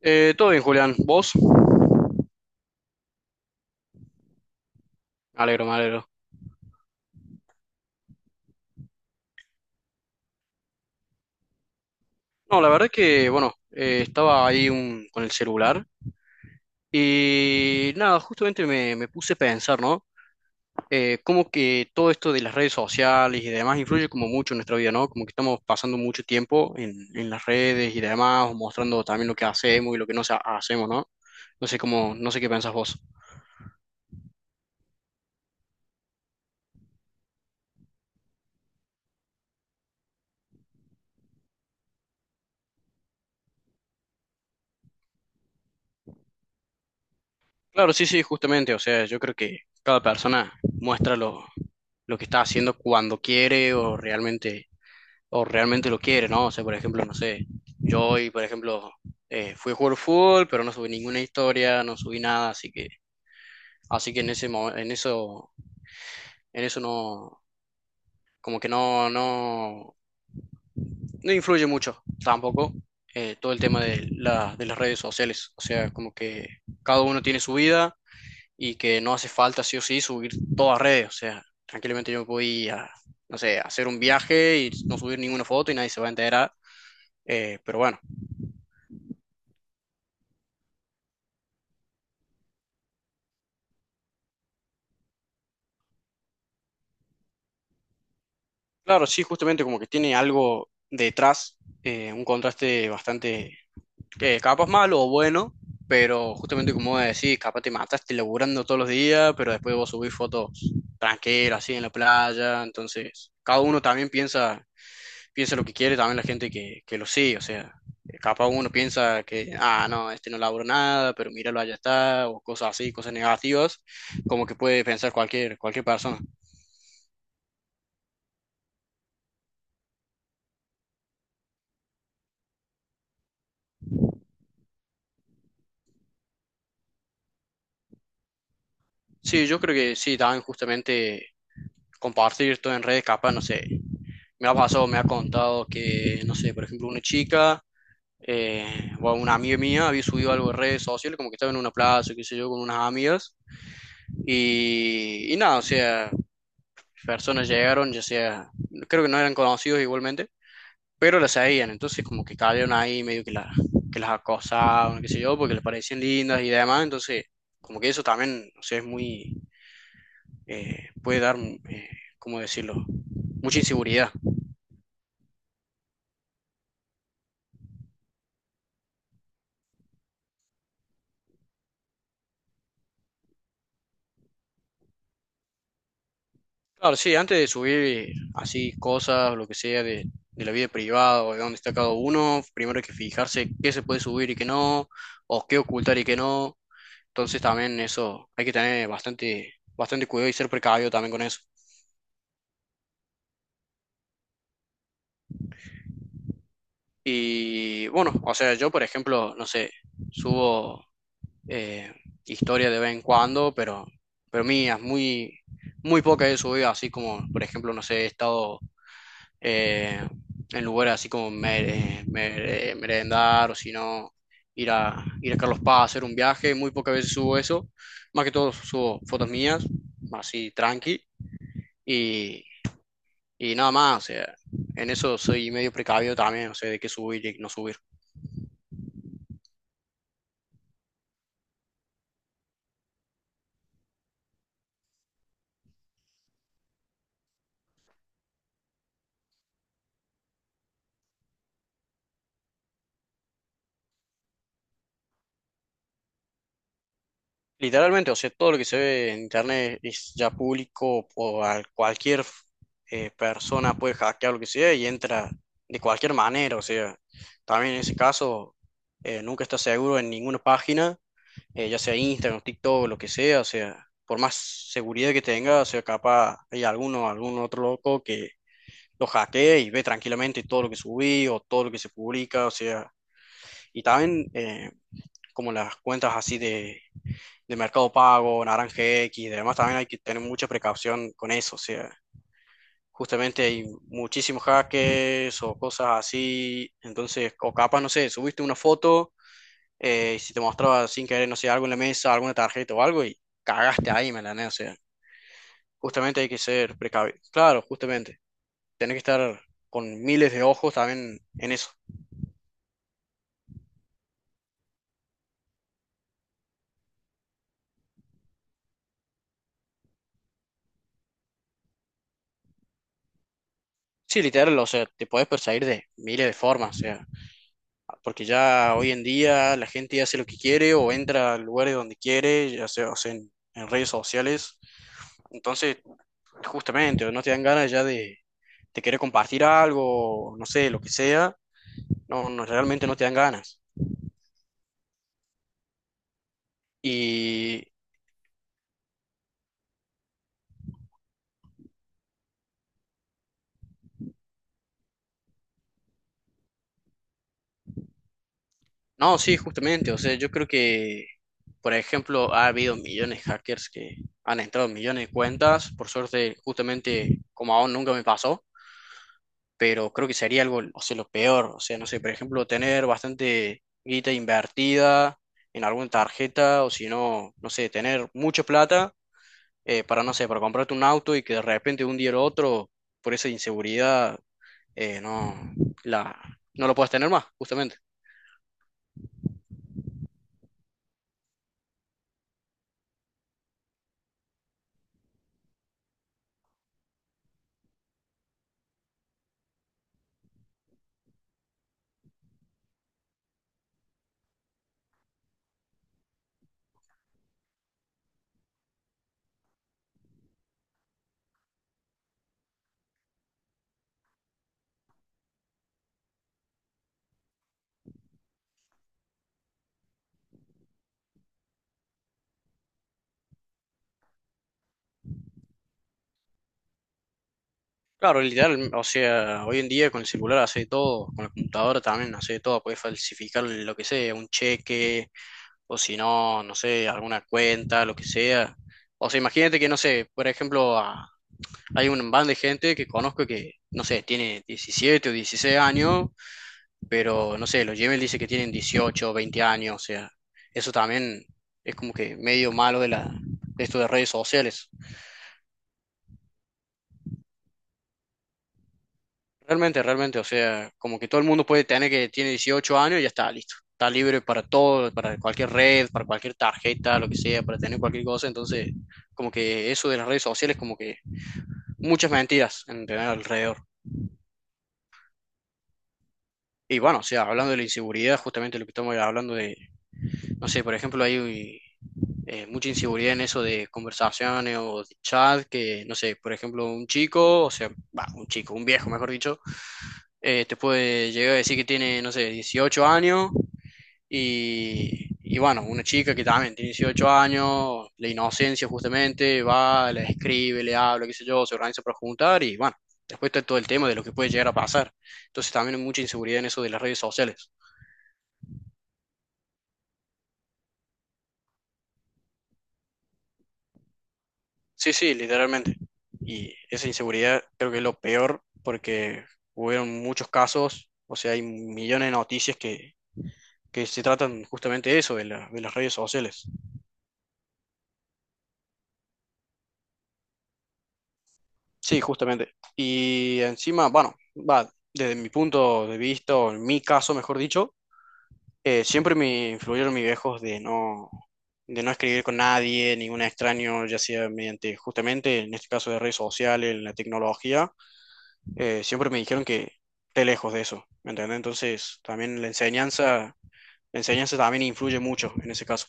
Todo bien, Julián. ¿Vos? Me alegro, me alegro. No, la verdad que, bueno, estaba ahí con el celular y nada, justamente me puse a pensar, ¿no? Cómo que todo esto de las redes sociales y demás influye como mucho en nuestra vida, ¿no? Como que estamos pasando mucho tiempo en las redes y demás, o mostrando también lo que hacemos y lo que hacemos, ¿no? No sé cómo, no sé qué pensás vos. Claro, sí, sí, justamente, o sea, yo creo que cada persona muestra lo que está haciendo cuando quiere o realmente lo quiere, ¿no? O sea, por ejemplo, no sé, yo hoy, por ejemplo, fui a jugar fútbol, pero no subí ninguna historia, no subí nada, así que, en ese, en eso, en eso no, como que no, no influye mucho tampoco todo el tema de las redes sociales, o sea, como que cada uno tiene su vida y que no hace falta sí o sí subir todas redes, o sea, tranquilamente yo no sé, hacer un viaje y no subir ninguna foto y nadie se va a enterar, pero bueno. Claro, sí, justamente como que tiene algo detrás, un contraste bastante, que capaz malo o bueno, pero justamente como vos decís, capaz te mataste laburando todos los días, pero después vos subís fotos tranquilas, así en la playa, entonces cada uno también piensa, lo que quiere, también la gente que lo sigue, o sea, capaz uno piensa que, ah, no, este no laburó nada, pero míralo, allá está, o cosas así, cosas negativas, como que puede pensar cualquier, cualquier persona. Sí, yo creo que sí, también justamente compartir todo en redes, capaz, no sé, me ha pasado, me ha contado que, no sé, por ejemplo, una chica o una amiga mía había subido algo en redes sociales, como que estaba en una plaza, qué sé yo, con unas amigas, y nada, o sea, personas llegaron, ya sea, creo que no eran conocidos igualmente, pero las seguían, entonces como que cayeron ahí medio que, que las acosaban, qué sé yo, porque les parecían lindas y demás, entonces como que eso también, o sea, es muy, Puede dar, ¿cómo decirlo? Mucha inseguridad. Claro, sí, antes de subir así cosas, lo que sea, de la vida privada o de dónde está cada uno, primero hay que fijarse qué se puede subir y qué no, o qué ocultar y qué no. Entonces también eso, hay que tener bastante, bastante cuidado y ser precavido también con eso. Y bueno, o sea, yo por ejemplo, no sé, subo eh, historia de vez en cuando, pero mías, muy, muy pocas he subido, así como por ejemplo, no sé, he estado eh, en lugares así como merendar o si no, ir a Carlos Paz a hacer un viaje. Muy pocas veces subo eso. Más que todo subo fotos mías, así tranqui. Y, y nada más, o sea, en eso soy medio precavido también, o sea, de qué subir y no subir. Literalmente, o sea, todo lo que se ve en internet es ya público o a cualquier persona puede hackear lo que sea y entra de cualquier manera, o sea, también en ese caso nunca está seguro en ninguna página, ya sea Instagram, TikTok, lo que sea, o sea, por más seguridad que tenga, o sea, capaz hay alguno, algún otro loco que lo hackee y ve tranquilamente todo lo que subí o todo lo que se publica, o sea, y también como las cuentas así de Mercado Pago, Naranja X, y demás, también hay que tener mucha precaución con eso, o sea, justamente hay muchísimos hackers o cosas así, entonces, o capaz, no sé, subiste una foto, y si te mostraba sin querer, no sé, algo en la mesa, alguna tarjeta o algo, y cagaste ahí, ¿me entendés? O sea, justamente hay que ser precavido, claro, justamente, tenés que estar con miles de ojos también en eso. Sí, literal, o sea, te puedes perseguir de miles de formas, o sea, porque ya hoy en día la gente hace lo que quiere o entra al lugar de donde quiere, ya sea, o sea, en redes sociales. Entonces, justamente, no te dan ganas ya de querer compartir algo, no sé, lo que sea. No, no, realmente no te dan ganas. Y no, sí, justamente, o sea, yo creo que, por ejemplo, ha habido millones de hackers que han entrado en millones de cuentas. Por suerte, justamente, como aún nunca me pasó. Pero creo que sería algo, o sea, lo peor, o sea, no sé, por ejemplo, tener bastante guita invertida en alguna tarjeta, o si no, no sé, tener mucha plata no sé, para comprarte un auto y que de repente de un día al otro, por esa inseguridad, eh, no, la, no lo puedas tener más, justamente. Claro, literal, o sea, hoy en día con el celular hace todo, con la computadora también hace todo, puedes falsificar lo que sea, un cheque, o si no, no sé, alguna cuenta, lo que sea. O sea, imagínate que, no sé, por ejemplo, hay un band de gente que conozco que, no sé, tiene 17 o 16 años, pero, no sé, los Gmail dice que tienen 18 o 20 años, o sea, eso también es como que medio malo de esto de redes sociales. Realmente, realmente, o sea, como que todo el mundo puede tener que tiene 18 años y ya está listo. Está libre para todo, para cualquier red, para cualquier tarjeta, lo que sea, para tener cualquier cosa. Entonces, como que eso de las redes sociales, como que muchas mentiras en tener alrededor. Y bueno, o sea, hablando de la inseguridad, justamente lo que estamos hablando de no sé, por ejemplo, hay mucha inseguridad en eso de conversaciones o de chat, que, no sé, por ejemplo, un chico, o sea, va, un chico, un viejo, mejor dicho, te puede llegar a decir que tiene, no sé, 18 años y bueno, una chica que también tiene 18 años, la inocencia justamente, va, le escribe, le habla, qué sé yo, se organiza para juntar y bueno, después está todo el tema de lo que puede llegar a pasar. Entonces también hay mucha inseguridad en eso de las redes sociales. Sí, sí, literalmente. Y esa inseguridad creo que es lo peor porque hubieron muchos casos, o sea, hay millones de noticias que se tratan justamente de eso, de las redes sociales. Sí, justamente. Y encima, bueno, va, desde mi punto de vista, o en mi caso, mejor dicho, siempre me influyeron mis viejos de no escribir con nadie, ningún extraño, ya sea mediante justamente, en este caso, de redes sociales, la tecnología siempre me dijeron que esté lejos de eso, ¿me entiendes? Entonces, también la enseñanza también influye mucho en ese caso.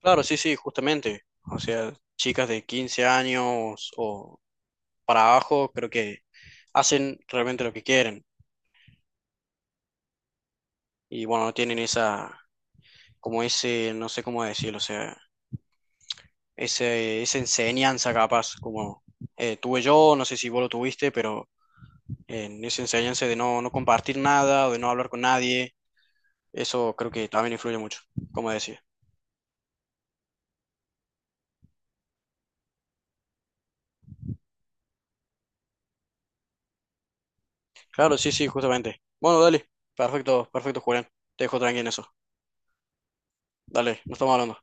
Claro, sí, sí, justamente. O sea, chicas de 15 años o para abajo, creo que hacen realmente lo que quieren y bueno, no tienen esa, como ese, no sé cómo decirlo, o sea, ese, esa enseñanza capaz, como tuve yo, no sé si vos lo tuviste, pero en esa enseñanza de no, no compartir nada, o de no hablar con nadie. Eso creo que también influye mucho, como decía. Claro, sí, sí, justamente. Bueno, dale. Perfecto, perfecto, Julián. Te dejo tranqui en eso. Dale, nos estamos hablando.